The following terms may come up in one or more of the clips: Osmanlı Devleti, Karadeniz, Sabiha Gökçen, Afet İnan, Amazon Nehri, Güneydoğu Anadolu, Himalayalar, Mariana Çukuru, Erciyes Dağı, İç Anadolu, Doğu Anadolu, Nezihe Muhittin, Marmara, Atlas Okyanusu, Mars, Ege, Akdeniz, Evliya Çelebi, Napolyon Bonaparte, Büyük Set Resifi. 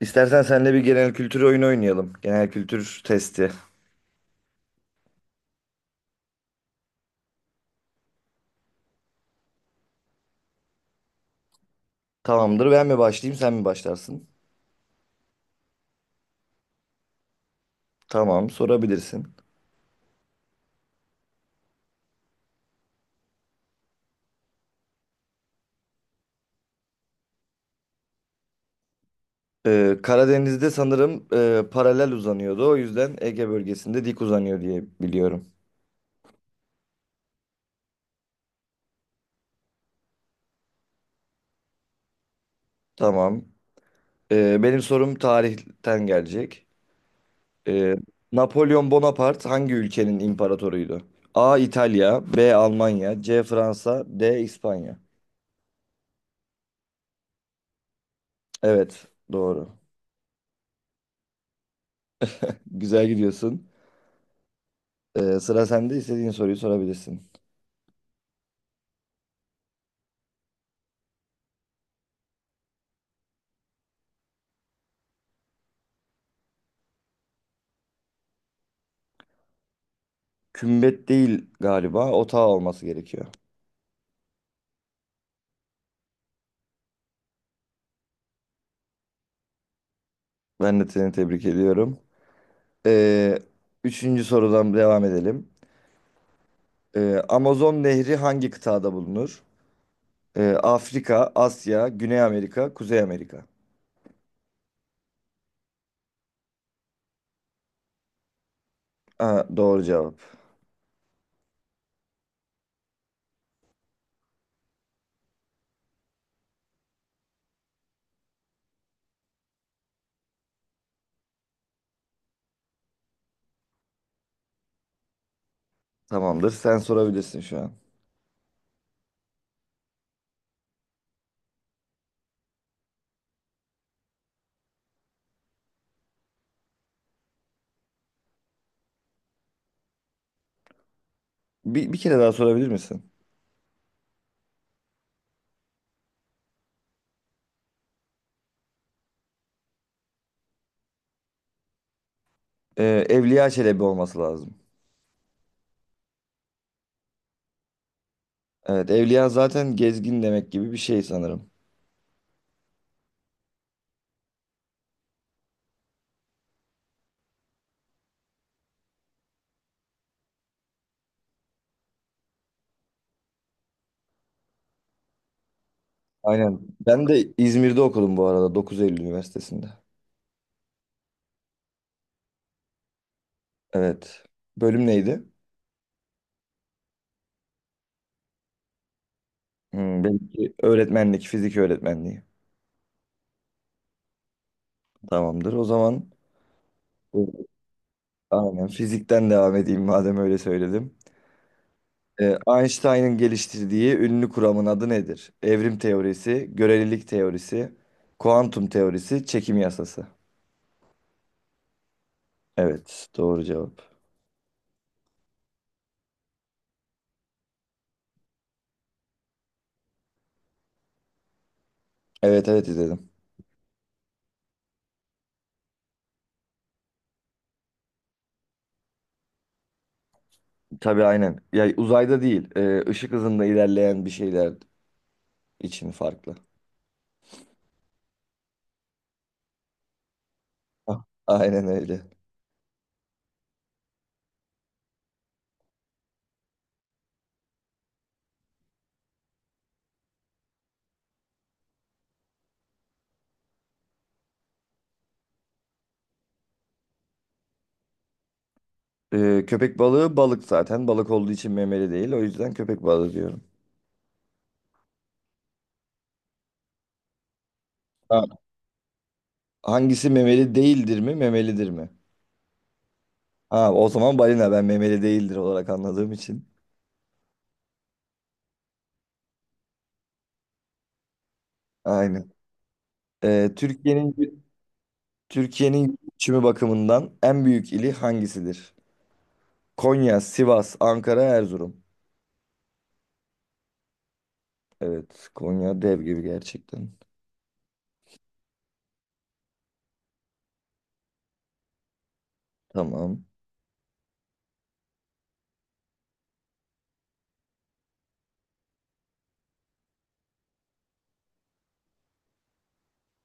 İstersen seninle bir genel kültür oyunu oynayalım. Genel kültür testi. Tamamdır. Ben mi başlayayım, sen mi başlarsın? Tamam, sorabilirsin. Karadeniz'de sanırım paralel uzanıyordu. O yüzden Ege bölgesinde dik uzanıyor diye biliyorum. Tamam. Benim sorum tarihten gelecek. Ee, Napolyon Bonaparte hangi ülkenin imparatoruydu? A. İtalya, B. Almanya, C. Fransa, D. İspanya. Evet, doğru. Güzel gidiyorsun. Sıra sende, istediğin soruyu sorabilirsin. Kümbet değil galiba. Otağı olması gerekiyor. Ben de seni tebrik ediyorum. Ee, Üçüncü sorudan devam edelim. Amazon Nehri hangi kıtada bulunur? Afrika, Asya, Güney Amerika, Kuzey Amerika. Aa, doğru cevap. Tamamdır. Sen sorabilirsin şu an. Bir kere daha sorabilir misin? Evliya Çelebi olması lazım. Evet, Evliya zaten gezgin demek gibi bir şey sanırım. Aynen. Ben de İzmir'de okudum bu arada, 9 Eylül Üniversitesi'nde. Evet. Bölüm neydi? Hmm, belki öğretmenlik, fizik öğretmenliği. Tamamdır. O zaman bu- aynen fizikten devam edeyim madem öyle söyledim. Einstein'ın geliştirdiği ünlü kuramın adı nedir? Evrim teorisi, görelilik teorisi, kuantum teorisi, çekim yasası. Evet, doğru cevap. Evet, izledim. Tabii aynen. Ya uzayda değil, ışık hızında ilerleyen bir şeyler için farklı. Ah, aynen öyle. Köpek balığı balık zaten. Balık olduğu için memeli değil. O yüzden köpek balığı diyorum. Ha, hangisi memeli değildir mi, memelidir mi? Ha, o zaman balina, ben memeli değildir olarak anladığım için. Aynen. E, Türkiye'nin Türkiye'nin göçümü bakımından en büyük ili hangisidir? Konya, Sivas, Ankara, Erzurum. Evet, Konya dev gibi gerçekten. Tamam.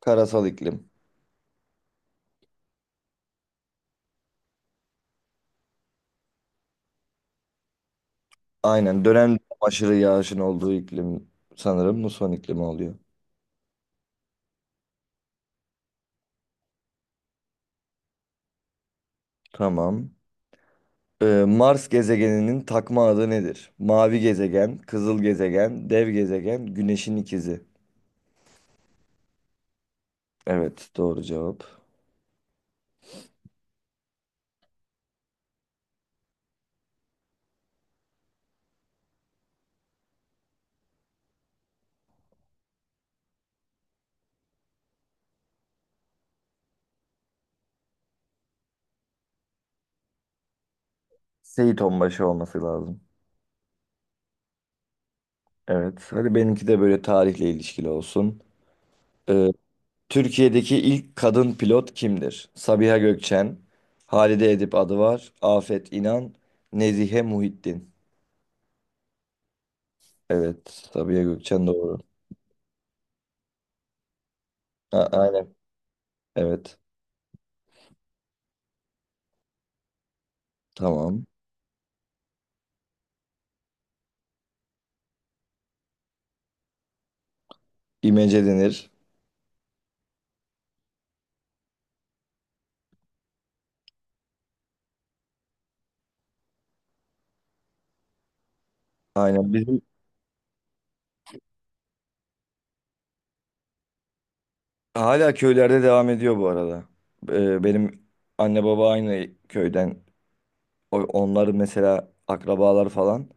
Karasal iklim. Aynen, dönem aşırı yağışın olduğu iklim sanırım muson iklimi oluyor. Tamam. Mars gezegeninin takma adı nedir? Mavi gezegen, kızıl gezegen, dev gezegen, güneşin ikizi. Evet doğru cevap. Seyit Onbaşı olması lazım. Evet hadi benimki de böyle tarihle ilişkili olsun. Ee, Türkiye'deki ilk kadın pilot kimdir? Sabiha Gökçen, Halide Edip Adıvar, Afet İnan, Nezihe Muhittin. Evet, Sabiha Gökçen doğru. Aynen. Evet. Tamam. İmece denir. Aynen. Bizim hala köylerde devam ediyor bu arada. Benim anne baba aynı köyden. Onlar mesela, akrabalar falan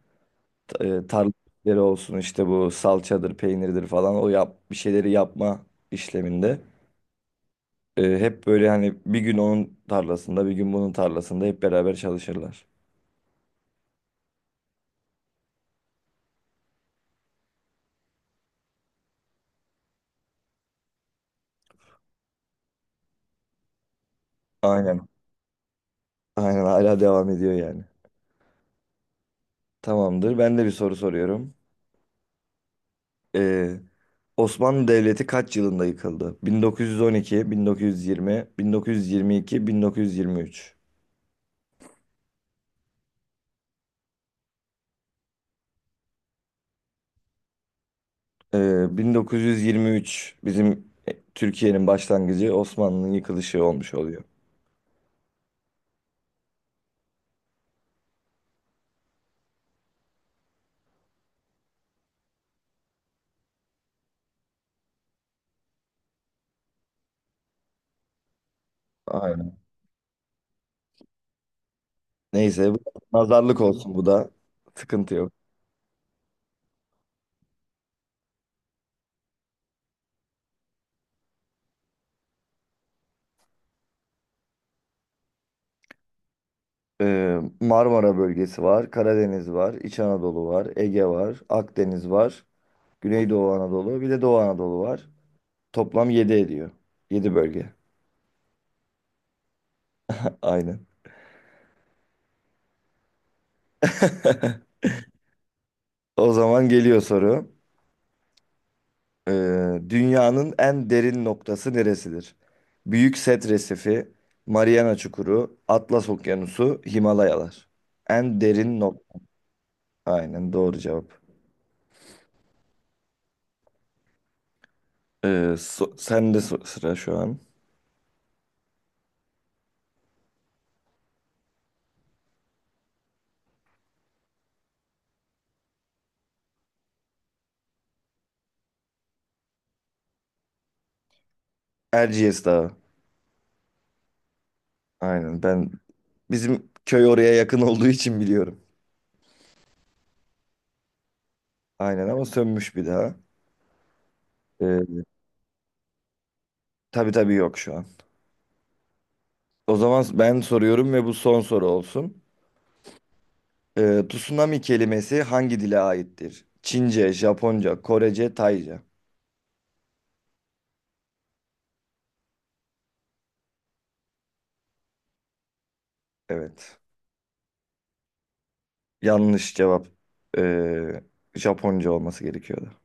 Tarla işleri olsun, işte bu salçadır, peynirdir falan, o yap bir şeyleri yapma işleminde. Hep böyle hani bir gün onun tarlasında, bir gün bunun tarlasında hep beraber çalışırlar. Aynen. Aynen, hala devam ediyor yani. Tamamdır. Ben de bir soru soruyorum. Ee, Osmanlı Devleti kaç yılında yıkıldı? 1912, 1920, 1922, 1923. 1923 bizim Türkiye'nin başlangıcı, Osmanlı'nın yıkılışı olmuş oluyor. Aynen. Neyse, nazarlık olsun bu da. Sıkıntı yok. Marmara bölgesi var, Karadeniz var, İç Anadolu var, Ege var, Akdeniz var, Güneydoğu Anadolu, bir de Doğu Anadolu var. Toplam 7 ediyor. 7 bölge. Aynen. O zaman geliyor soru. Dünyanın en derin noktası neresidir? Büyük Set Resifi, Mariana Çukuru, Atlas Okyanusu, Himalayalar. En derin nokta. Aynen, doğru cevap. Sen de sıra şu an. Erciyes Dağı. Aynen, ben bizim köy oraya yakın olduğu için biliyorum. Aynen ama sönmüş bir daha. Ee, tabii tabii, yok şu an. O zaman ben soruyorum ve bu son soru olsun. Tsunami kelimesi hangi dile aittir? Çince, Japonca, Korece, Tayca. Evet. Yanlış cevap. Ee, Japonca olması gerekiyordu.